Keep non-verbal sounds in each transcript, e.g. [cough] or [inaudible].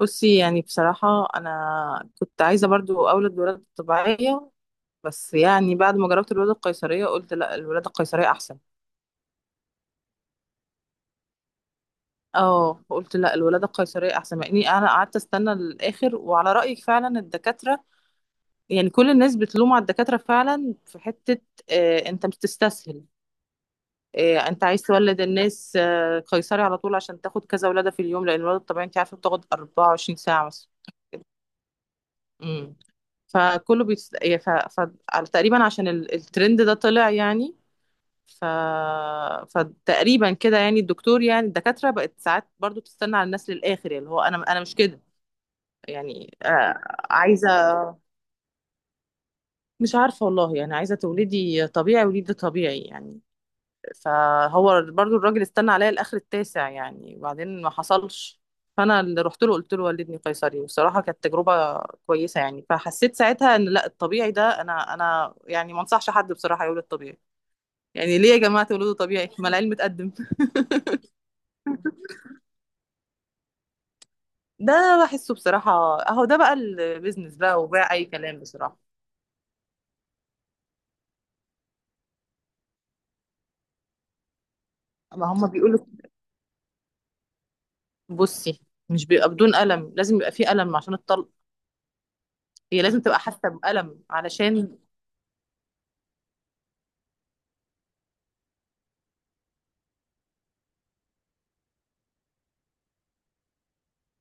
بصي، يعني بصراحة أنا كنت عايزة برضو أولد بولادة طبيعية. بس يعني بعد ما جربت الولادة القيصرية قلت لا، الولادة القيصرية أحسن. اه، قلت لا الولادة القيصرية أحسن، مع إني أنا قعدت أستنى للآخر وعلى رأيك فعلا الدكاترة، يعني كل الناس بتلوم على الدكاترة فعلا في حتة. آه، أنت بتستسهل. آه، أنت عايز تولد الناس، آه، قيصري على طول عشان تاخد كذا ولادة في اليوم، لأن الولادة الطبيعية أنت عارفة بتاخد 24 ساعة مثلا. إمم. فكله تقريبا عشان الترند ده طلع يعني. ف... فتقريبا كده يعني الدكتور، يعني الدكاترة بقت ساعات برضو تستنى على الناس للآخر، يعني اللي هو أنا مش كده. يعني آه، عايزة، مش عارفة والله، يعني عايزة تولدي طبيعي وليدي طبيعي يعني. فهو برضو الراجل استنى عليا الاخر التاسع يعني، وبعدين ما حصلش. فانا اللي رحت له قلت له والدني قيصري، والصراحه كانت تجربه كويسه يعني. فحسيت ساعتها ان لا، الطبيعي ده، انا يعني ما انصحش حد بصراحه يولد طبيعي. يعني ليه يا جماعه تولدوا طبيعي، ما العلم اتقدم؟ [laughs] ده بحسه بصراحه، اهو ده بقى البيزنس بقى، وباع اي كلام بصراحه. ما هم بيقولوا. بصي، مش بيبقى بدون ألم، لازم يبقى فيه ألم عشان الطلق. هي لازم تبقى حاسة بألم علشان.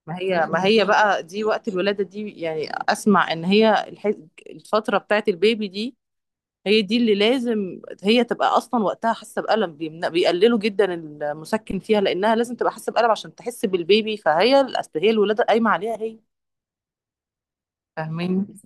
ما هي بقى دي وقت الولادة دي، يعني أسمع إن هي الفترة بتاعت البيبي دي، هي دي اللي لازم هي تبقى أصلا وقتها حاسة بألم. بيقللوا جدا المسكن فيها، لأنها لازم تبقى حاسة بألم عشان تحس بالبيبي، فهي أصل هي الولادة قايمة عليها هي. فاهمين.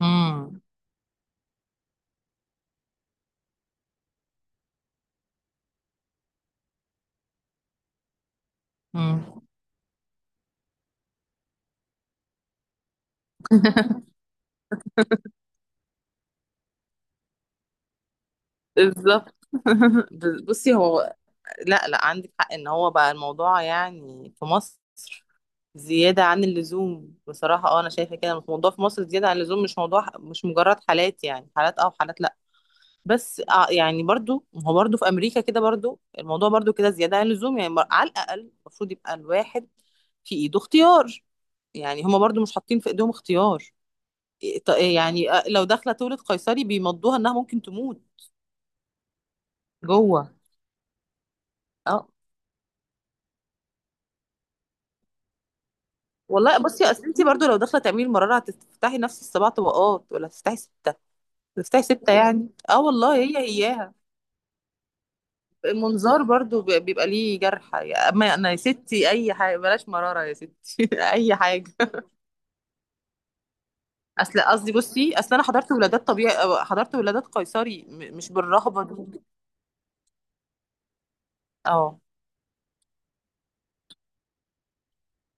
امم. امم. بالظبط. [laughs] بصي هو، لا، لا، عندك حق إن هو بقى الموضوع يعني في مصر زيادة عن اللزوم بصراحة. اه، انا شايفة كده الموضوع في مصر زيادة عن اللزوم، مش موضوع، مش مجرد حالات يعني، حالات اه وحالات لا. بس آه، يعني برضو ما هو برضو في امريكا كده برضو الموضوع برضو كده زيادة عن اللزوم يعني. على الاقل المفروض يبقى الواحد في ايده اختيار، يعني هما برضو مش حاطين في ايديهم اختيار. إيه إيه يعني، آه، لو داخلة تولد قيصري بيمضوها انها ممكن تموت. جوه. اه والله بصي، اصل انت برضو لو داخله تعملي المراره هتفتحي نفس السبع طبقات، ولا هتفتحي بفتحي ستة يعني؟ اه والله هي اياها. المنظار برضو بيبقى ليه جرح. اما انا يا ستي اي حاجه بلاش مراره يا ستي [laughs] اي حاجه. اصل قصدي، بصي اصل انا حضرت ولادات طبيعي أو حضرت ولادات قيصري مش بالرهبه دي. اه.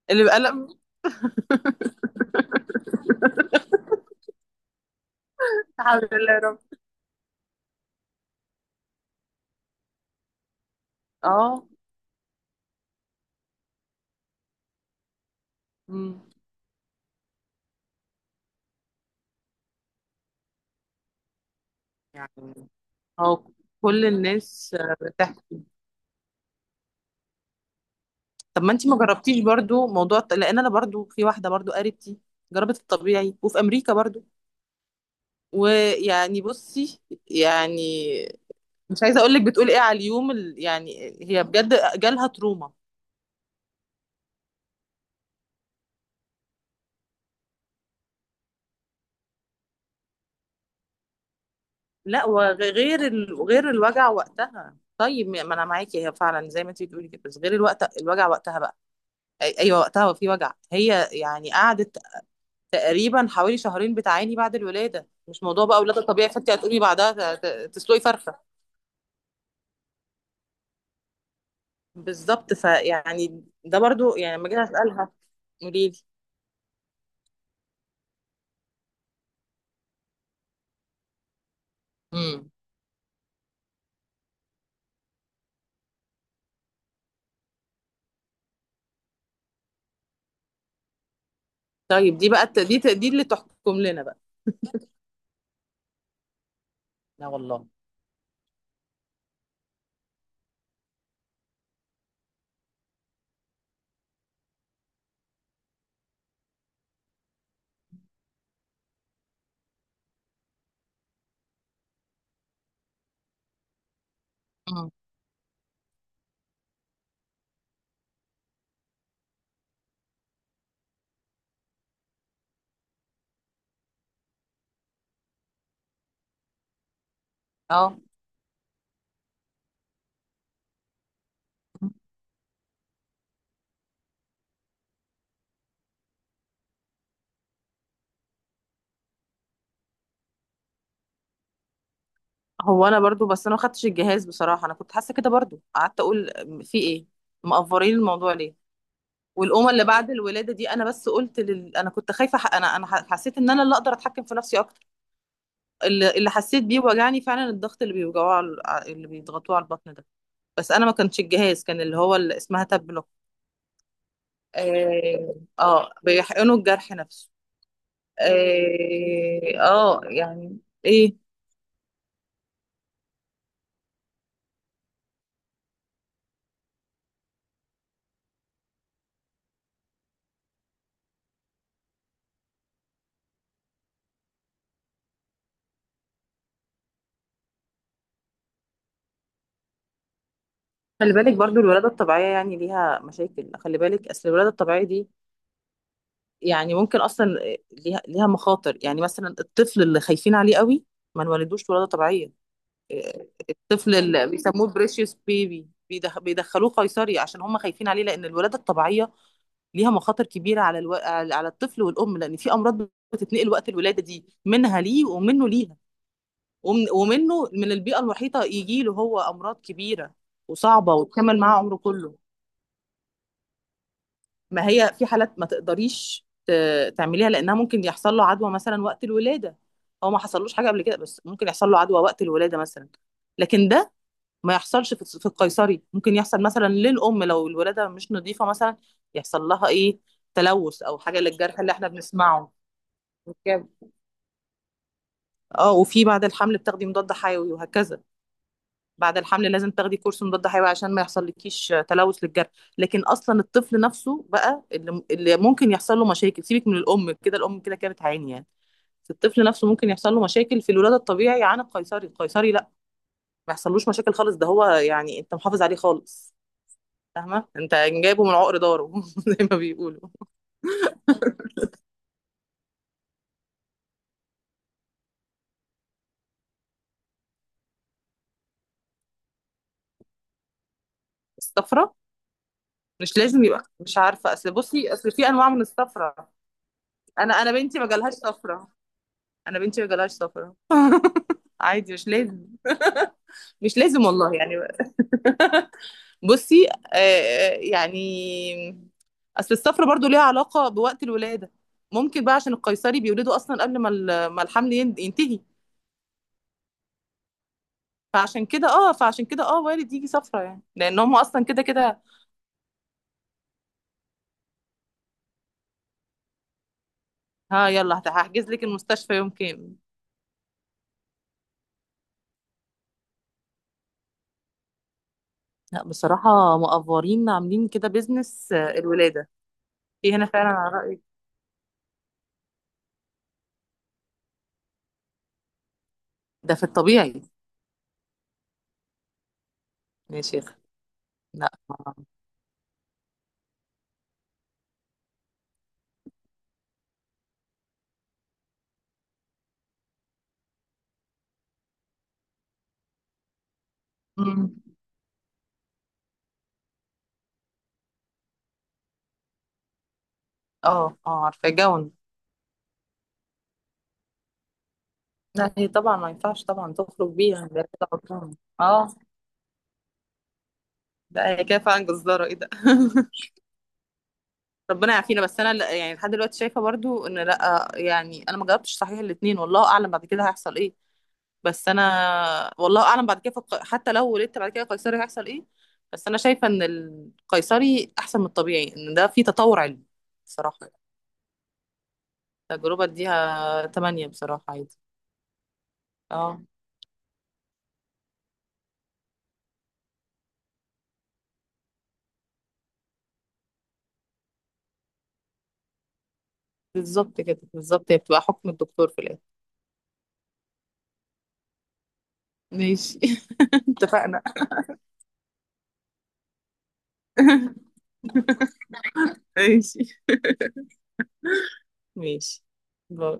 اللي بقلق. الحمد لله يا رب. اه. أمم. يعني. اه كل الناس آه، بتحكي. طب ما انت ما جربتيش برضو موضوع لان انا برضو في واحده برضو قريبتي جربت الطبيعي وفي امريكا برضو. ويعني بصي، يعني مش عايزه اقول لك بتقول ايه على اليوم، يعني هي بجد جالها تروما. لا، وغير غير الوجع وقتها. طيب ما انا معاكي، هي فعلا زي ما انت بتقولي كده، بس غير الوقت، الوجع وقتها بقى. ايوه وقتها، وفي وجع. هي يعني قعدت تقريبا حوالي شهرين بتعاني بعد الولاده، مش موضوع بقى ولاده طبيعي، فانت هتقولي بعدها تسلقي فرخه. بالظبط. فيعني ده برضو يعني لما جيت اسالها قولي لي. امم. طيب دي بقى دي اللي تحكم لنا بقى. لا والله. مم. اه هو انا برضو، بس انا ما خدتش الجهاز بصراحه، انا كنت حاسه كده برضو، قعدت اقول في ايه. مقفرين الموضوع ليه. والأمة اللي بعد الولادة دي أنا بس قلت أنا كنت خايفة، ح... أنا أنا ح- حسيت إن أنا اللي أقدر أتحكم في نفسي أكتر. اللي حسيت بيه وجعني فعلا الضغط اللي بيوجعوه اللي بيضغطوه على البطن ده. بس أنا ما كانش الجهاز، كان اللي هو اللي اسمها تابلو. آه، بيحقنوا الجرح نفسه. آه يعني. إيه. خلي بالك برضو الولادة الطبيعية يعني ليها مشاكل. خلي بالك أصل الولادة الطبيعية دي يعني ممكن أصلا ليها مخاطر يعني، مثلا الطفل اللي خايفين عليه قوي ما نولدوش ولادة طبيعية. الطفل اللي بيسموه بريشيوس بيبي بيدخلوه قيصري عشان هم خايفين عليه، لأن الولادة الطبيعية ليها مخاطر كبيرة على على الطفل والأم، لأن في أمراض بتتنقل وقت الولادة دي منها ليه ومنه ليها. ومنه من البيئة المحيطة يجي له هو أمراض كبيرة وصعبة وتكمل معاه عمره كله. ما هي في حالات ما تقدريش تعمليها، لانها ممكن يحصل له عدوى مثلا وقت الولاده. هو ما حصلوش حاجه قبل كده بس ممكن يحصل له عدوى وقت الولاده مثلا، لكن ده ما يحصلش. في في القيصري ممكن يحصل مثلا للام لو الولاده مش نظيفه مثلا. يحصل لها ايه؟ تلوث او حاجه للجرح اللي احنا بنسمعه. أوكي. اه، وفي بعد الحمل بتاخدي مضاد حيوي وهكذا. بعد الحمل لازم تاخدي كورس مضاد حيوي عشان ما يحصل لكيش تلوث للجرح. لكن اصلا الطفل نفسه بقى اللي ممكن يحصل له مشاكل. سيبك من الام، كده الام كده كده بتعاني يعني. بس الطفل نفسه ممكن يحصل له مشاكل في الولاده الطبيعي عن القيصري، القيصري لا ما يحصلوش مشاكل خالص. ده هو يعني انت محافظ عليه خالص، فاهمه انت جايبه من عقر داره [laughs] زي ما بيقولوا. الصفرة مش لازم يبقى، مش عارفه، اصل بصي اصل في انواع من الصفرة. انا بنتي ما جالهاش صفرة. انا بنتي ما جالهاش صفرة عادي، مش لازم. مش لازم والله يعني. بصي آه يعني، اصل الصفرة برضو ليها علاقة بوقت الولادة. ممكن بقى عشان القيصري بيولدوا اصلا قبل ما ما الحمل ينتهي. فعشان كده وارد يجي صفرة يعني، لان هم اصلا كده كده. ها، يلا هحجز لك المستشفى يوم كام؟ لا بصراحة مقفورين عاملين كده بيزنس، آه، الولادة. في هنا فعلا على رأيي، ده في الطبيعي يا شيخ. لا. امم. اه. اه، عارفة، جون. لا هي طبعا ما ينفعش طبعا تخرج بيها، ده كده غلطان. اه. لا هي كده فعلا جزارة، ايه ده؟ ربنا يعافينا. بس انا يعني لحد دلوقتي شايفة برضو ان لا يعني، انا ما جربتش صحيح الاتنين، والله اعلم بعد كده هيحصل ايه. بس انا والله اعلم بعد كده في حتى لو ولدت بعد كده قيصري هيحصل ايه. بس انا شايفة ان القيصري احسن من الطبيعي، ان ده فيه تطور علمي. بصراحة التجربة اديها 8 بصراحة عادي. اه. بالظبط كده، بالظبط هي بتبقى حكم الدكتور في الاخر. ماشي. [laughs] اتفقنا. [laughs] ماشي. ماشي. باي.